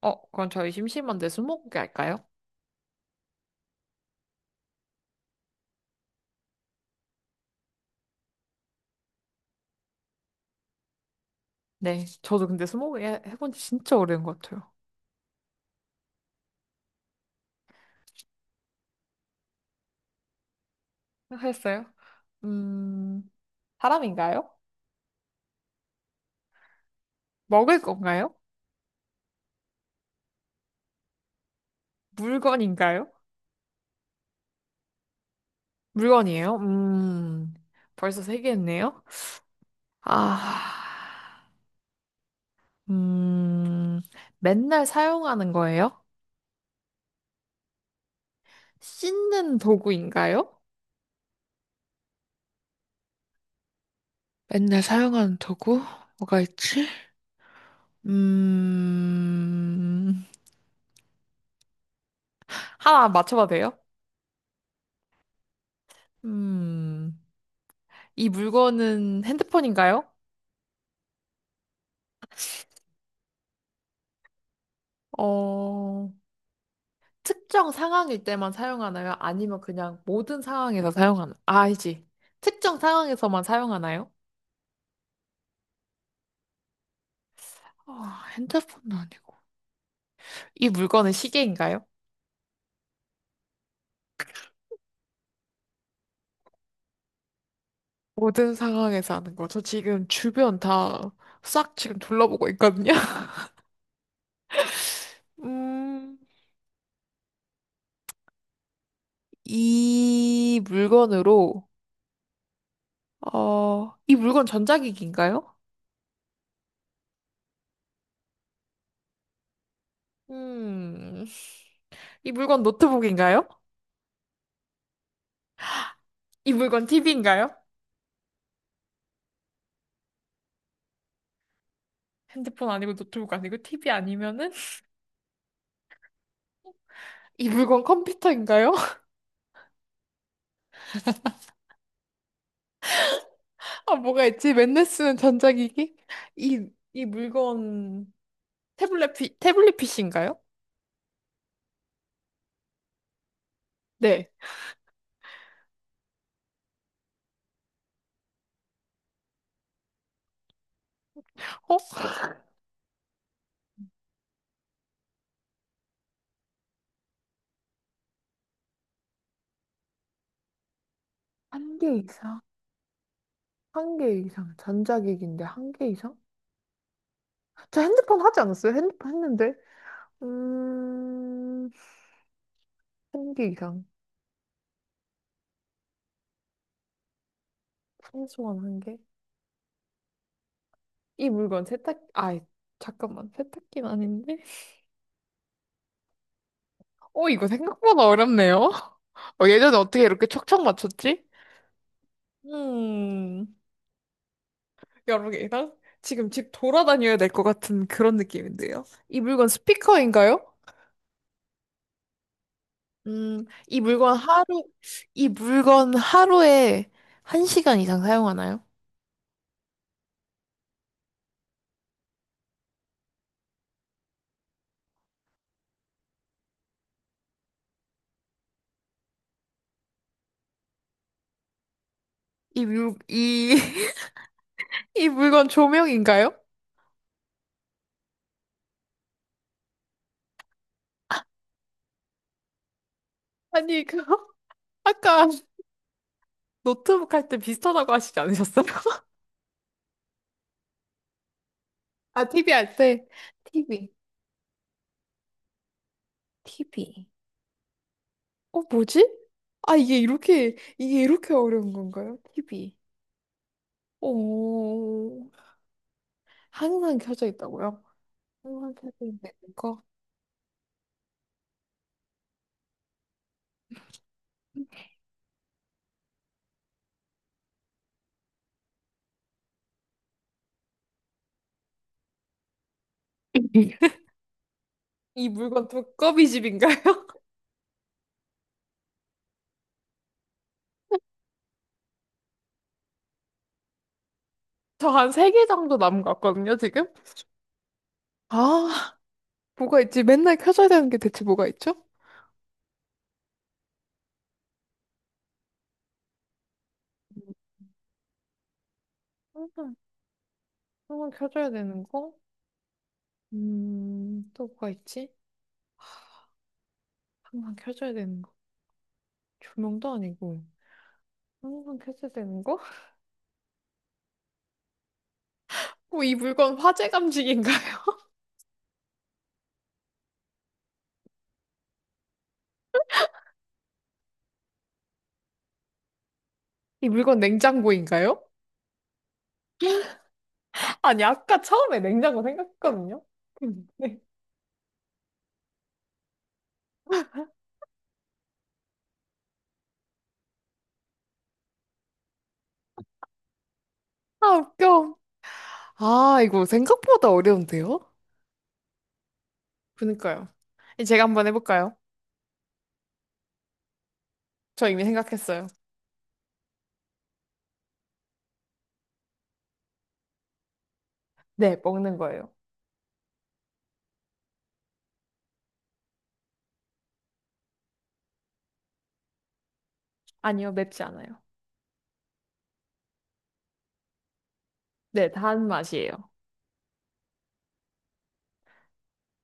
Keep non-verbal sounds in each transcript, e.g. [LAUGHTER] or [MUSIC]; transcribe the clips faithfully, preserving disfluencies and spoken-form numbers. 어, 그럼 저희 심심한데 스무고개 할까요? 네, 저도 근데 스무고개 해- 해본 지 진짜 오래된 것 같아요. 했어요? 음, 사람인가요? 먹을 건가요? 물건인가요? 물건이에요? 음, 벌써 세 개 했네요. 아, 음, 맨날 사용하는 거예요? 씻는 도구인가요? 맨날 사용하는 도구? 뭐가 있지? 음, 하나 맞춰봐도 돼요? 음. 이 물건은 핸드폰인가요? 어, 특정 상황일 때만 사용하나요? 아니면 그냥 모든 상황에서 사용하나요? 아, 알지. 특정 상황에서만 사용하나요? 아, 핸드폰은 아니고. 이 물건은 시계인가요? 모든 상황에서 하는 거. 저 지금 주변 다 싹 지금 둘러보고 있거든요. [LAUGHS] 음, 이 물건으로, 어, 이 물건 전자기기인가요? 음, 이 물건 노트북인가요? 이 물건 티비인가요? 핸드폰 아니고 노트북 아니고 티비 아니면은 [LAUGHS] 이 물건 컴퓨터인가요? [LAUGHS] 아 뭐가 있지? 맨날 쓰는 전자기기? 이 이 물건 태블릿 피, 태블릿 피씨인가요? 네. 어? 한 개 이상? 한 개 이상. 전자기기인데 한 개 이상? 저 핸드폰 하지 않았어요? 핸드폰 했는데. 음, 한 개 이상. 최소한 한 개? 이 물건 세탁 아 잠깐만 세탁기는 아닌데? 어 이거 생각보다 어렵네요. [LAUGHS] 어, 예전에 어떻게 이렇게 척척 맞췄지? 음, 여러분이랑 지금 집 돌아다녀야 될 것 같은 그런 느낌인데요. 이 물건 스피커인가요? 음, 이 물건 하루, 이 물건 하루에 한시간 이상 사용하나요? 이 물, 이, [LAUGHS] 이 물건 조명인가요? 아니, 그, [LAUGHS] 아까 노트북 할 때 비슷하다고 하시지 않으셨어요? [LAUGHS] 아, 티비 할 때. 티비. 티비. 어, 뭐지? 아, 이게 이렇게, 이게 이렇게 어려운 건가요? 티비. 오. 항상 켜져 있다고요? 항상 켜져 있는 거? [LAUGHS] 이 물건 두꺼비 집인가요? [LAUGHS] 저 한 세 개 정도 남은 것 같거든요, 지금? 아, 뭐가 있지? 맨날 켜져야 되는 게 대체 뭐가 있죠? 항상, 항상 켜져야 되는 거? 음, 또 뭐가 있지? 항상 켜져야 되는 거. 조명도 아니고, 항상 켜져야 되는 거? 어, 이 물건 화재 감지기인가요? [LAUGHS] 이 물건 냉장고인가요? 아니, 아까 처음에 냉장고 생각했거든요? 근데, 아, 웃겨. 아, 이거 생각보다 어려운데요? 그니까요. 이 제가 한번 해볼까요? 저 이미 생각했어요. 네, 먹는 거예요. 아니요, 맵지 않아요. 네, 단 맛이에요.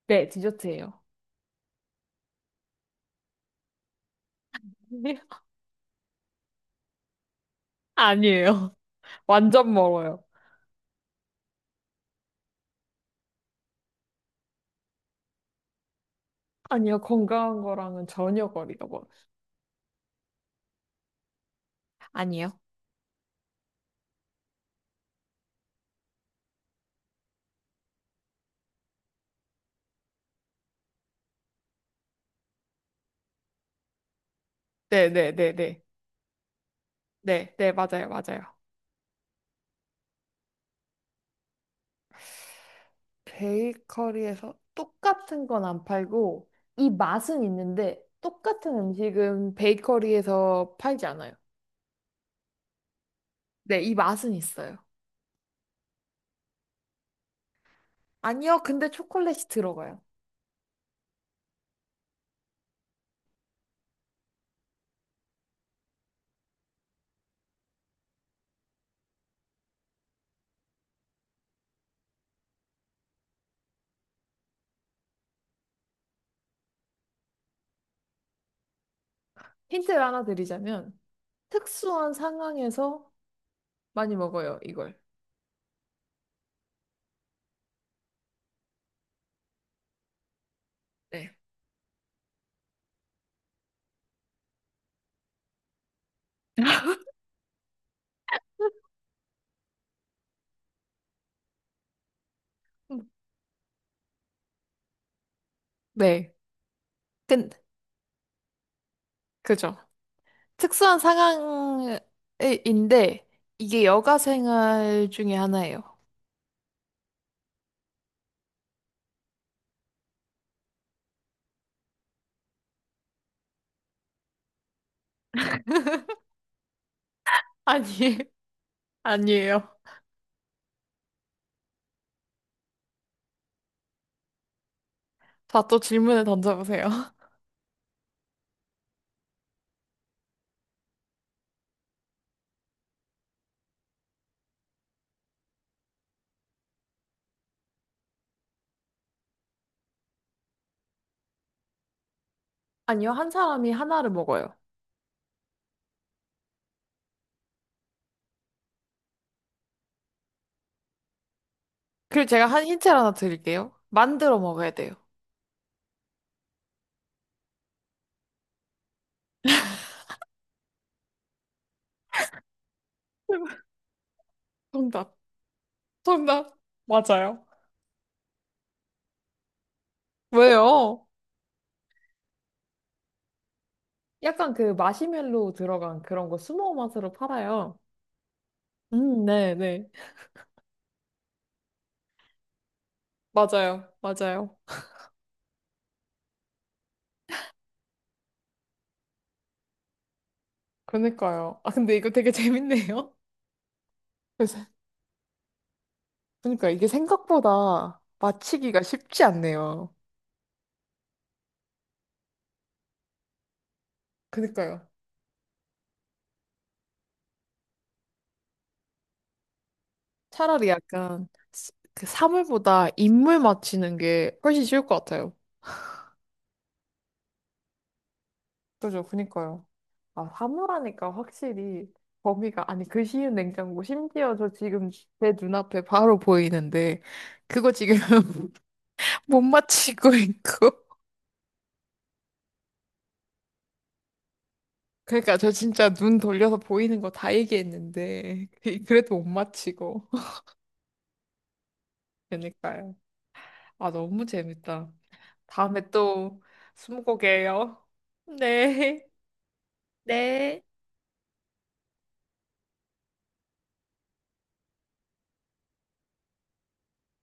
네, 디저트예요. [LAUGHS] 아니에요. [LAUGHS] 완전 멀어요. 아니요, 건강한 거랑은 전혀 거리가 멀어요. 아니요. 네, 네, 네, 네. 네, 네, 맞아요, 맞아요. 베이커리에서 똑같은 건 안 팔고, 이 맛은 있는데, 똑같은 음식은 베이커리에서 팔지 않아요. 네, 이 맛은 있어요. 아니요, 근데 초콜릿이 들어가요. 힌트를 하나 드리자면, 특수한 상황에서 많이 먹어요, 이걸. 네. 음. 네. 근, 그죠. 특수한 상황인데, 이게 여가 생활 중에 하나예요. 아니, [LAUGHS] 아니에요. 자, 또 질문을 던져보세요. [LAUGHS] 아니요, 한 사람이 하나를 먹어요. 그리고 제가 한 힌트를 하나 드릴게요. 만들어 먹어야 돼요. [LAUGHS] 정답. 정답. 맞아요. 왜요? 약간 그 마시멜로 들어간 그런 거 스모어 맛으로 팔아요. 음, 네, 네. 맞아요. 맞아요. 그러니까요. 아, 근데 이거 되게 [LAUGHS] 재밌네요. 그래서 그러니까 이게 생각보다 맞히기가 쉽지 않네요. 그니까요. 차라리 약간 스- 그 사물보다 인물 맞히는 게 훨씬 쉬울 것 같아요. 그죠. 그니까요. 아, 사물하니까 확실히 범위가, 아니, 그 쉬운 냉장고, 심지어 저 지금 제 눈앞에 바로 보이는데, 그거 지금 [LAUGHS] 못 맞히고 있고. [LAUGHS] 그러니까 저 진짜 눈 돌려서 보이는 거 다 얘기했는데 [LAUGHS] 그- 그래도 못 맞히고. [LAUGHS] 그러니까요. 아 너무 재밌다. 다음에 또 스무고개예요. 네. 네.